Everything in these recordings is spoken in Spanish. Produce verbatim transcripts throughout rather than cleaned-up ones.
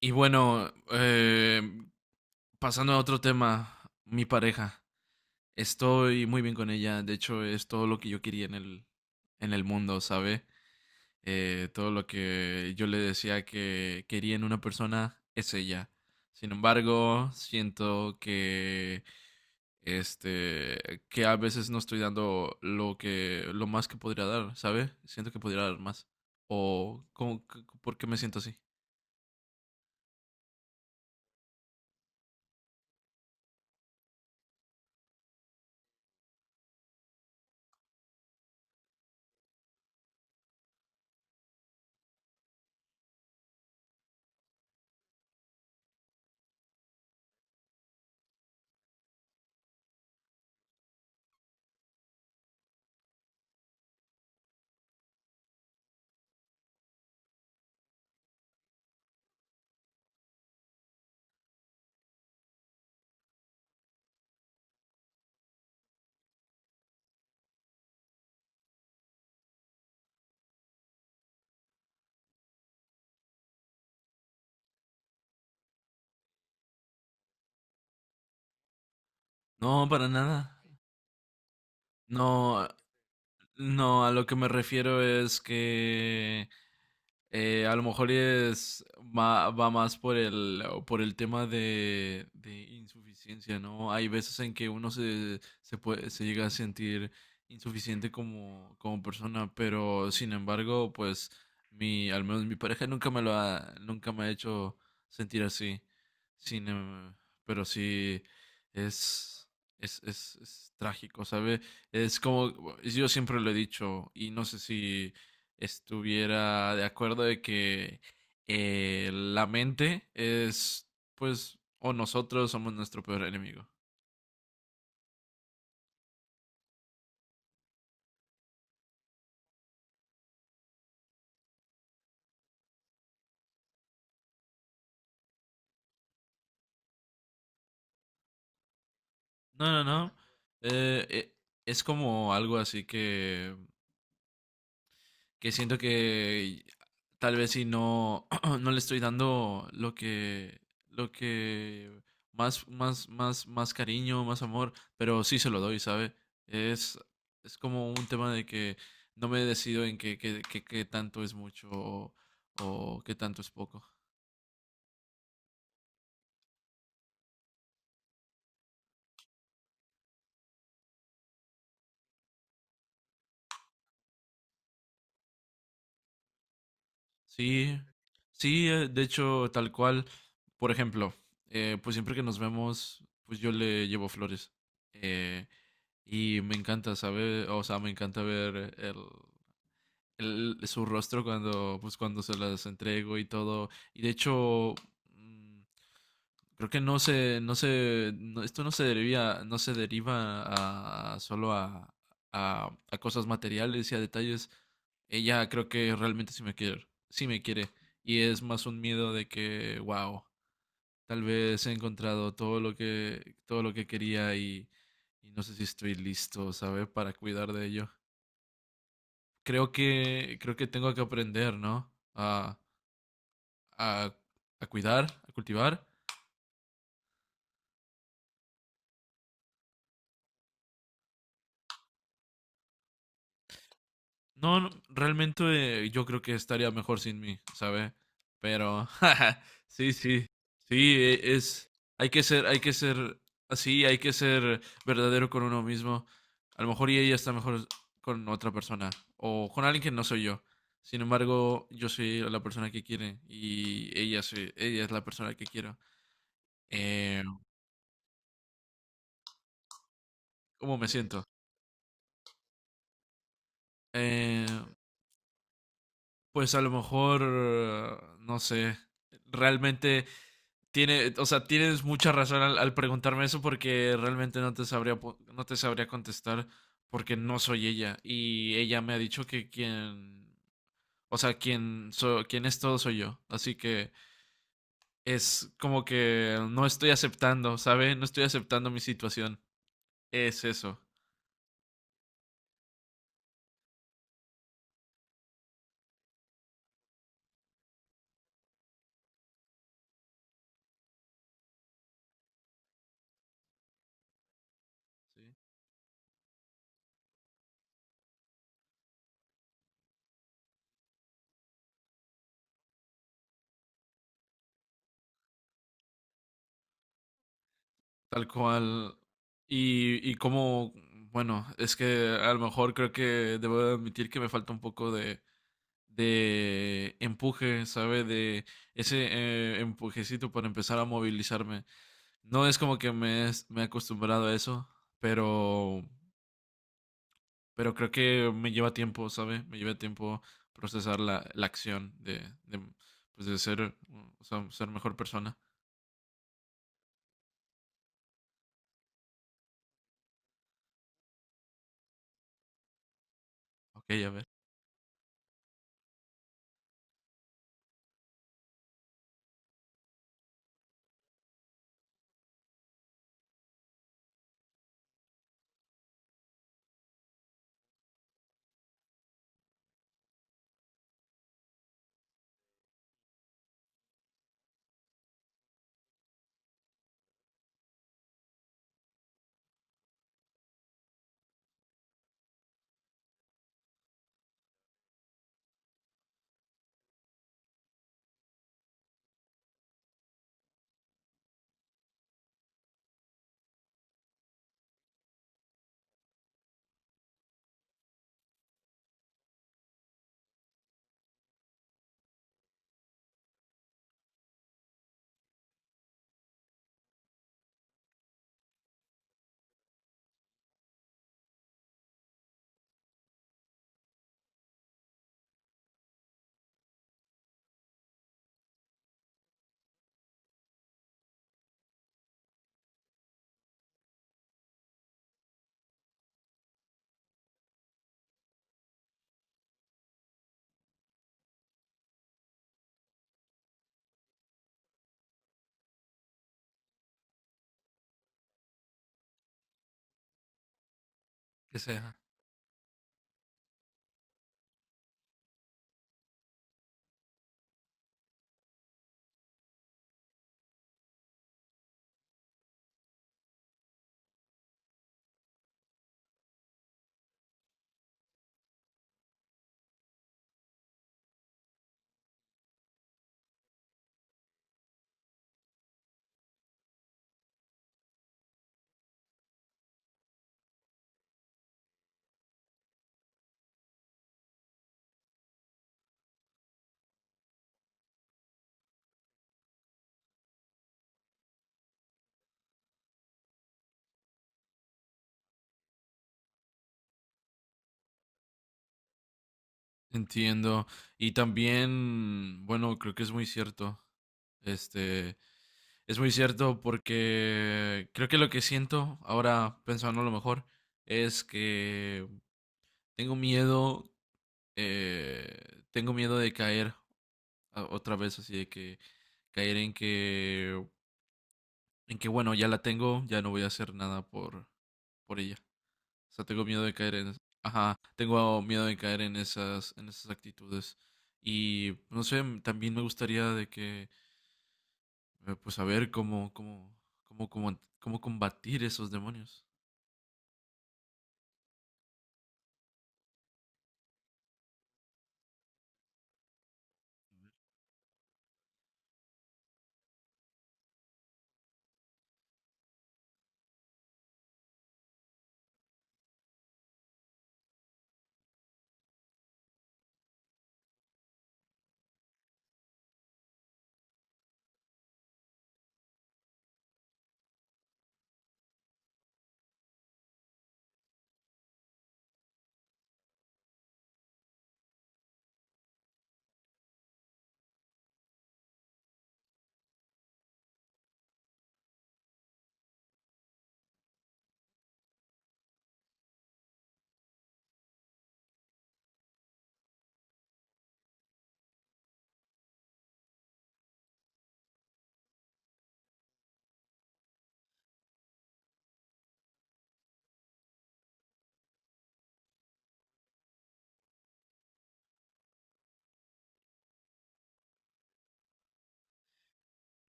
Y bueno, eh, pasando a otro tema, mi pareja. Estoy muy bien con ella. De hecho, es todo lo que yo quería en el, en el mundo, ¿sabe? Eh, todo lo que yo le decía que quería en una persona es ella. Sin embargo, siento que este que a veces no estoy dando lo que lo más que podría dar, ¿sabe? Siento que podría dar más. O ¿cómo- c- ¿por qué me siento así? No, para nada. No, No, a lo que me refiero es que eh, a lo mejor es va, va más por el por el tema de, de insuficiencia, ¿no? Hay veces en que uno se, se puede, se llega a sentir insuficiente como, como persona, pero sin embargo, pues mi, al menos mi pareja nunca me lo ha, nunca me ha hecho sentir así. Sin, em- Pero sí es, es, es, es trágico, ¿sabe? Es como, yo siempre lo he dicho, y no sé si estuviera de acuerdo de que eh, la mente es, pues, o nosotros somos nuestro peor enemigo. No, no, no. Eh, eh, es como algo así que que siento que tal vez si no, no le estoy dando lo que, lo que más, más, más, más cariño, más amor, pero sí se lo doy, ¿sabe? Es, es como un tema de que no me decido en qué, qué, qué, qué tanto es mucho o, o qué tanto es poco. Sí, sí, eh, de hecho, tal cual, por ejemplo, eh, pues siempre que nos vemos, pues yo le llevo flores. Eh, Y me encanta saber, o sea, me encanta ver el, el- su rostro cuando, pues, cuando se las entrego y todo. Y de hecho, mm, creo que no se, no se, no- esto no se deriva, no se deriva a, a solo a, a, a cosas materiales y a detalles. Ella creo que realmente sí me quiere, sí me quiere. Y es más un miedo de que, wow. Tal vez he encontrado todo lo que, todo lo que quería y, y no sé si estoy listo, ¿sabes? Para cuidar de ello. Creo que, creo que tengo que aprender, ¿no? A, a, a cuidar, a cultivar. No, no, realmente eh, yo creo que estaría mejor sin mí, ¿sabe? Pero sí, sí, sí, e- es, hay que ser, hay que ser así, hay que ser verdadero con uno mismo. A lo mejor y ella está mejor con otra persona o con alguien que no soy yo. Sin embargo, yo soy la persona que quiere y ella, soy- ella es la persona que quiero. Eh, ¿Cómo me siento? Eh, pues a lo mejor, no sé, realmente... Tiene, o sea, tienes mucha razón al, al preguntarme eso porque realmente no te sabría, po- no te sabría contestar porque no soy ella y ella me ha dicho que quien, o sea, quien, so- quien es todo soy yo. Así que es como que no estoy aceptando, ¿sabe? No estoy aceptando mi situación. Es eso. Sí. Tal cual. Y, y como, bueno, es que a lo mejor creo que debo admitir que me falta un poco de de empuje, ¿sabe? De ese eh, empujecito para empezar a movilizarme. No es como que me, es- me he acostumbrado a eso, pero, pero creo que me lleva tiempo, ¿sabe? Me lleva tiempo procesar la, la acción de, de, pues de ser, o sea, ser mejor persona. Ok, a ver. Que sea. Entiendo. Y también, bueno, creo que es muy cierto. Este, Es muy cierto porque creo que lo que siento ahora, pensando a lo mejor, es que tengo miedo, eh, tengo miedo de caer a- otra vez, así de que caer en que, en que bueno, ya la tengo, ya no voy a hacer nada por, por ella. O sea, tengo miedo de caer en, ajá, tengo miedo de caer en esas, en esas actitudes. Y no sé, m- también me gustaría de que, eh, pues, saber cómo, cómo, cómo, cómo, cómo combatir esos demonios.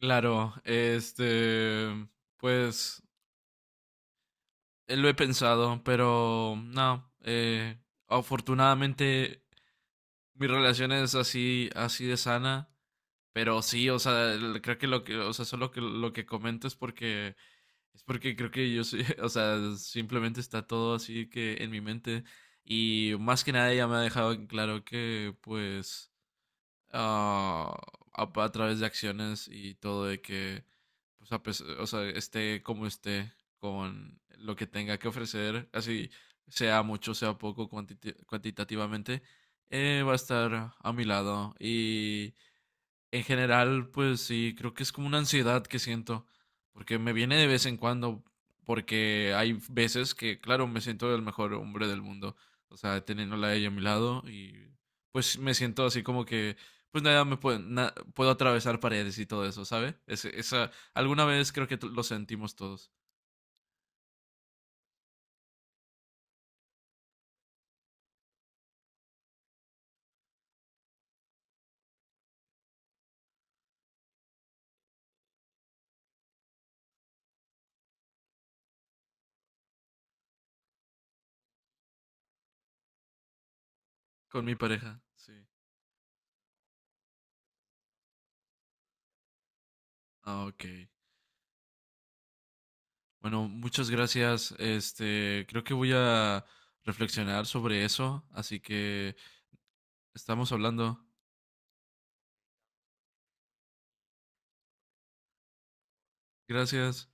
Claro, este, pues eh, lo he pensado, pero no, eh, afortunadamente mi relación es así, así de sana, pero sí, o sea, el- creo que lo que, o sea, solo que lo que comento es porque, es porque creo que yo soy, o sea, simplemente está todo así que en mi mente y más que nada ella me ha dejado en claro que, pues, ah, a, a través de acciones y todo de que, pues, a pes- o sea, esté como esté con lo que tenga que ofrecer, así sea mucho, sea poco cuantiti- cuantitativamente, eh, va a estar a mi lado y en general, pues sí, creo que es como una ansiedad que siento, porque me viene de vez en cuando, porque hay veces que, claro, me siento el mejor hombre del mundo, o sea, teniéndola a ella a mi lado y pues me siento así como que, pues nada, me puede, na- puedo atravesar paredes y todo eso, ¿sabe? Es, esa, alguna vez creo que t- lo sentimos todos, con mi pareja, sí. Ah, ok. Bueno, muchas gracias, este, creo que voy a reflexionar sobre eso, así que estamos hablando. Gracias.